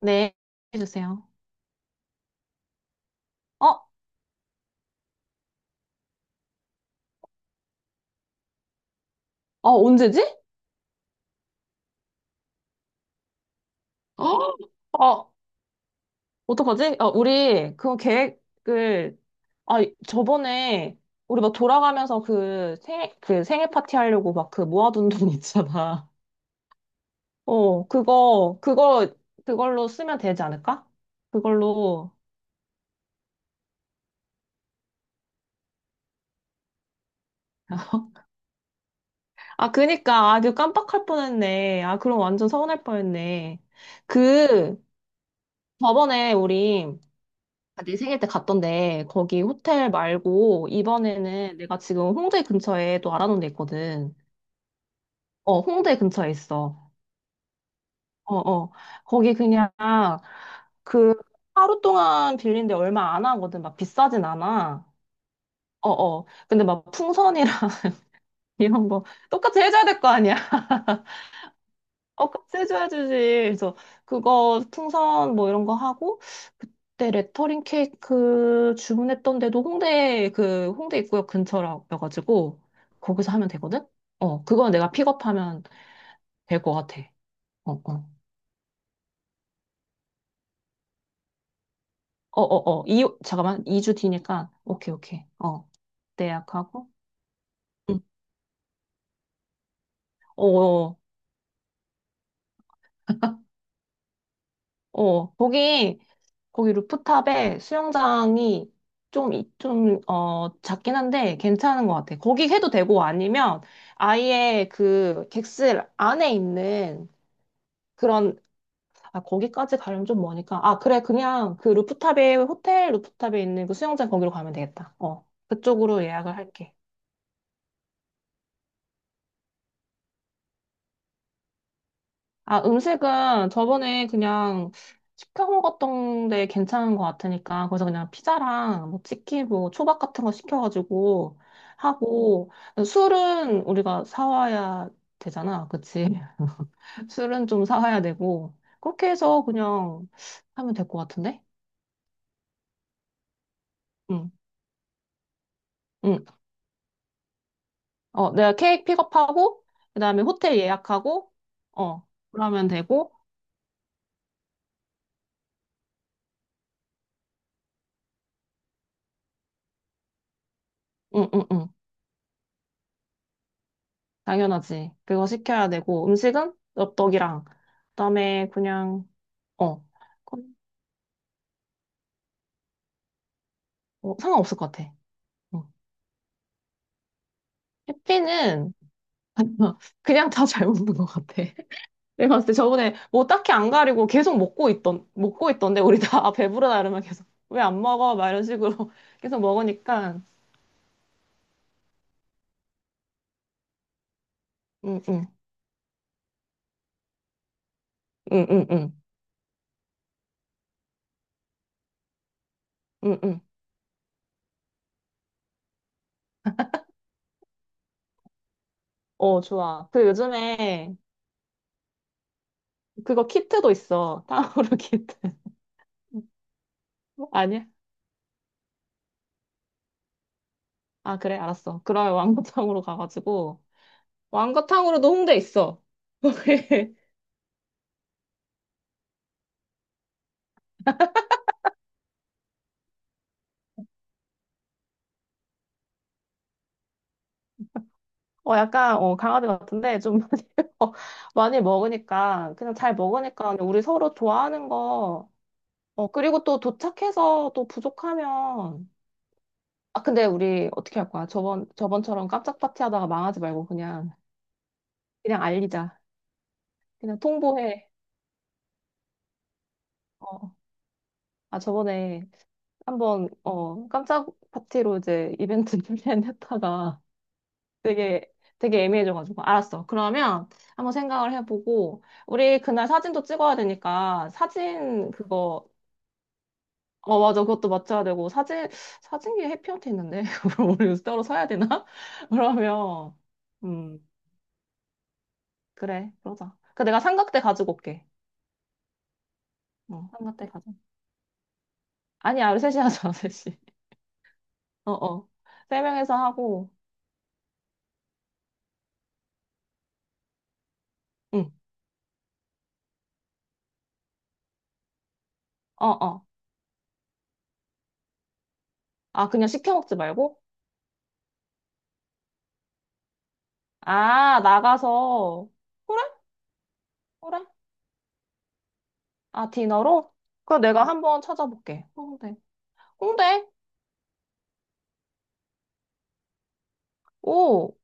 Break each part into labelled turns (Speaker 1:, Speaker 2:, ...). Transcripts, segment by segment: Speaker 1: 네, 해주세요. 어? 언제지? 어, 어, 어떡하지? 우리 그 계획을, 아, 저번에 우리 막 돌아가면서 그 생일, 그 생일 파티 하려고 막 그 모아둔 돈 있잖아. 그거, 그걸로 쓰면 되지 않을까? 그걸로. 그니까. 아, 그 깜빡할 뻔했네. 아, 그럼 완전 서운할 뻔했네. 그, 저번에 우리 아, 내 생일 때 갔던데 거기 호텔 말고 이번에는 내가 지금 홍대 근처에 또 알아놓은 데 있거든. 홍대 근처에 있어. 어, 어. 거기 그냥 그 하루 동안 빌린데 얼마 안 하거든. 막 비싸진 않아. 어, 어. 근데 막 풍선이랑 이런 거 똑같이 해줘야 될 거 아니야. 같이 해줘야 지 그래서 그거 풍선 뭐 이런 거 하고 그때 레터링 케이크 주문했던 데도 홍대 그 홍대 입구역 근처라가지고 거기서 하면 되거든? 그건 내가 픽업하면 될 것 같아. 어, 어. 이, 잠깐만. 2주 뒤니까. 오케이, 오케이. 어. 그때 예약하고. 응. 어, 어, 거기 거기 루프탑에 수영장이 좀, 작긴 한데 괜찮은 것 같아. 거기 해도 되고 아니면 아예 그 객실 안에 있는 그런, 아, 거기까지 가려면 좀 머니까. 아, 그래. 그냥 그 루프탑에, 호텔 루프탑에 있는 그 수영장 거기로 가면 되겠다. 어. 그쪽으로 예약을 할게. 음식은 저번에 그냥 시켜 먹었던 데 괜찮은 것 같으니까, 거기서 그냥 피자랑 뭐 치킨, 뭐 초밥 같은 거 시켜가지고 하고, 술은 우리가 사와야 되잖아. 그치? 술은 좀 사와야 되고, 그렇게 해서 그냥 하면 될 것 같은데? 응, 응. 어, 내가 케이크 픽업하고, 그 다음에 호텔 예약하고, 어, 그러면 되고, 응, 응, 응. 당연하지. 그거 시켜야 되고, 음식은 엽떡이랑, 그다음에 그냥, 어, 그건 상관없을 것 같아. 어. 피는 그냥 다 잘 먹는 것 같아. 내가 봤을 때 저번에 뭐 딱히 안 가리고 먹고 있던데, 우리 다 아, 배부르다 이러면 계속, 왜 안 먹어? 막 이런 식으로 계속 먹으니까, 응, 응, 응, 응, 응, 응, 응. 어, 좋아. 그 요즘에 그거 키트도 있어. 타오르 키트. 아니야? 아, 그래, 알았어. 그러면 왕거탕으로 가가지고. 왕거탕으로도 홍대 있어. 약간, 강아지 같은데, 좀 많이, 어, 많이 먹으니까, 그냥 잘 먹으니까, 그냥 우리 서로 좋아하는 거, 어, 그리고 또 도착해서 또 부족하면, 아, 근데 우리 어떻게 할 거야? 저번처럼 깜짝 파티 하다가 망하지 말고 그냥, 그냥 알리자. 그냥 통보해. 어, 아, 저번에 한번, 깜짝 파티로 이제 이벤트 준비했다가, 되게 되게 애매해져가지고 알았어. 그러면 한번 생각을 해보고 우리 그날 사진도 찍어야 되니까 사진 그거 어 맞아 그것도 맞춰야 되고 사진 사진기 해피언트 있는데 그걸 우리 따로 사야 되나? 그러면 음 그래 그러자. 그 내가 삼각대 가지고 올게. 어 삼각대 가져. 아니야 우리 셋이 하자 셋이. 어어 세 명에서 하고 응 어어 아 그냥 시켜 먹지 말고 아 나가서 그래 그래 아, 디너로? 그래, 내가 한번 찾아볼게. 홍대. 홍대? 오,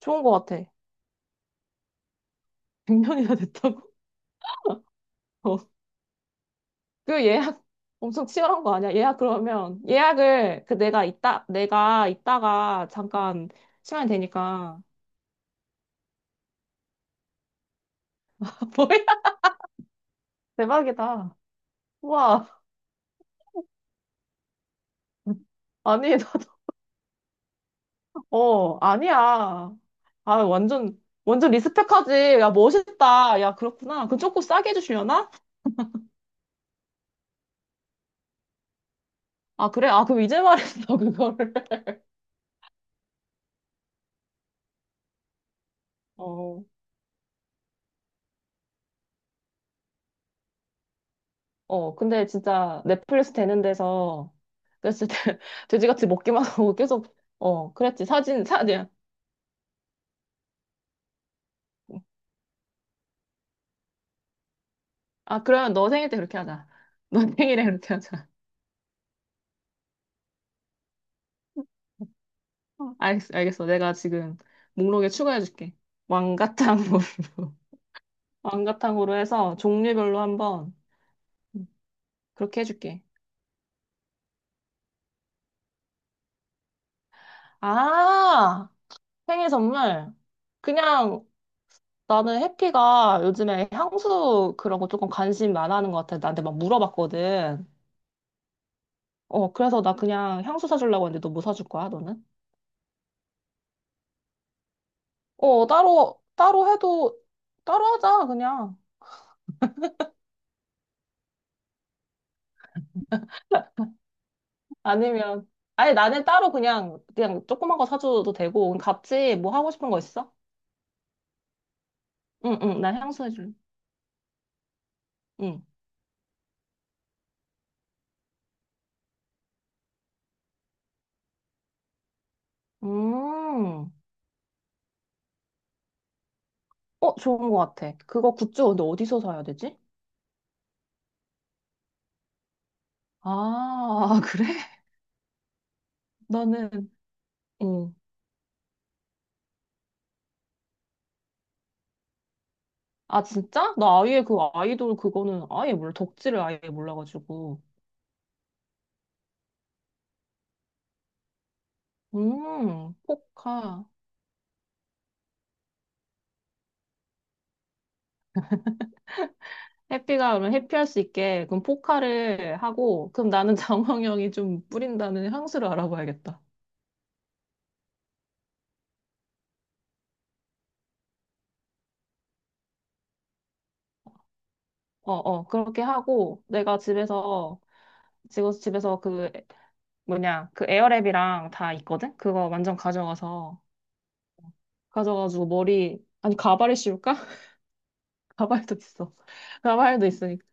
Speaker 1: 좋은 것 같아. 100년이나 됐다고? 어. 그 예약 엄청 치열한 거 아니야? 예약 그러면 예약을 그 내가 이따 내가 이따가 잠깐 시간 이 되니까 뭐야? 대박이다. 우와. 아니 나도 어 아니야. 아 완전 완전 리스펙하지. 야 멋있다. 야 그렇구나. 그 조금 싸게 해주시려나? 아 그래? 아 그럼 이제 말했어 그거를. 어. 어, 근데 진짜 넷플릭스 되는 데서 그랬을 때 돼지같이 먹기만 하고 계속, 어, 그랬지. 사진, 사진. 아, 그러면 너 생일 때 그렇게 하자. 너 생일에 그렇게 하자. 어. 알겠어, 알겠어. 내가 지금 목록에 추가해줄게. 왕가탕으로. 왕가탕으로 해서 종류별로 한번 그렇게 해줄게. 아, 생일 선물. 그냥 나는 해피가 요즘에 향수 그런 거 조금 관심 많아 하는 것 같아. 나한테 막 물어봤거든. 어, 그래서 나 그냥 향수 사주려고 했는데 너 뭐 사줄 거야, 너는? 따로 해도, 따로 하자, 그냥. 아니면, 아니, 나는 따로 그냥, 그냥 조그만 거 사줘도 되고, 우리 같이 뭐 하고 싶은 거 있어? 응, 응, 난 향수 해줄래. 응. 음, 어, 좋은 거 같아. 그거 굿즈 근데 어디서 사야 되지? 아, 그래? 나는, 응. 아, 진짜? 나 아예 그 아이돌 그거는 아예 몰라. 덕질을 아예 몰라가지고. 포카. 해피가 그럼 해피할 수 있게 그럼 포카를 하고 그럼 나는 장황형이 좀 뿌린다는 향수를 알아봐야겠다. 어, 어, 그렇게 하고 내가 집에서 지금 집에서 그 뭐냐 그 에어랩이랑 다 있거든? 그거 완전 가져가서 가져가지고 머리 아니 가발에 씌울까? 가발도 있어. 가발도 있으니까.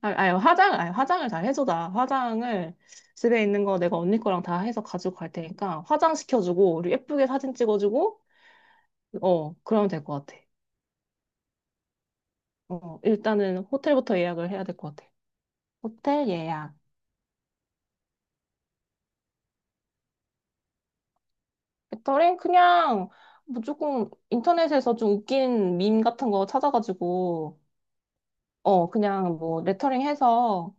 Speaker 1: 아, 아니 화장 아니 화장을 잘 해줘다. 화장을 집에 있는 거 내가 언니 거랑 다 해서 가지고 갈 테니까 화장 시켜주고 우리 예쁘게 사진 찍어주고 어 그러면 될 것 같아. 어, 일단은 호텔부터 예약을 해야 될 것 같아. 호텔 예약. 배터리? 그냥 뭐 조금 인터넷에서 좀 웃긴 밈 같은 거 찾아가지고, 그냥 뭐 레터링 해서,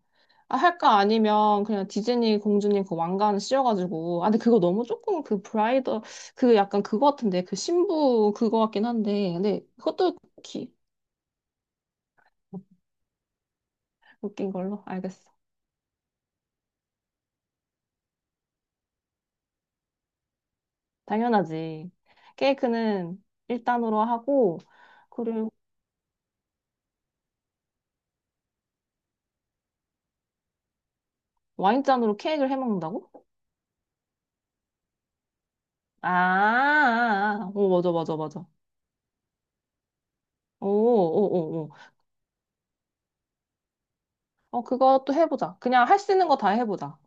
Speaker 1: 아, 할까? 아니면 그냥 디즈니 공주님 그 왕관 씌워가지고, 아, 근데 그거 너무 조금 그 브라이더, 그 약간 그거 같은데, 그 신부 그거 같긴 한데, 근데 그것도 기, 웃긴 걸로? 알겠어. 당연하지. 케이크는 일단으로 하고, 그리고 와인잔으로 케이크를 해 먹는다고? 아, 아, 아. 오, 맞아, 맞아, 맞아. 오, 오, 오, 오. 어, 그것도 해보자. 그냥 할 수 있는 거 다 해보자.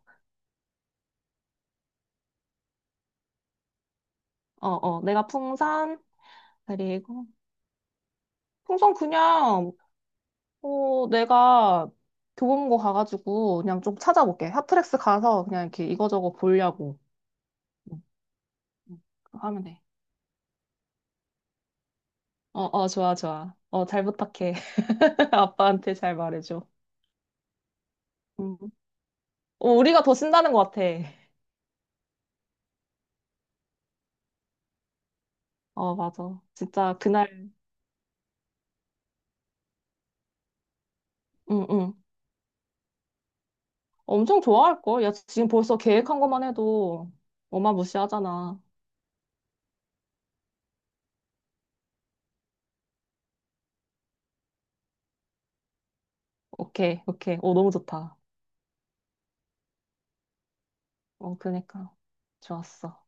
Speaker 1: 내가 풍선, 그리고, 풍선 그냥, 내가 교보문고 가가지고 그냥 좀 찾아볼게. 핫플렉스 가서 그냥 이렇게 이거저거 보려고. 응, 응. 그거 하면 돼. 어, 어, 좋아, 좋아. 어, 잘 부탁해. 아빠한테 잘 말해줘. 응. 어, 우리가 더 신나는 것 같아. 어, 맞아. 진짜 그날, 응, 응. 엄청 좋아할걸? 야, 지금 벌써 계획한 것만 해도 어마무시하잖아. 오케이, 오케이. 오 너무 좋다. 어, 그니까. 좋았어.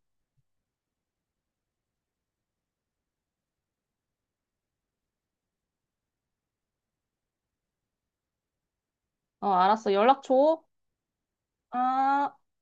Speaker 1: 어, 알았어. 연락 줘. 아.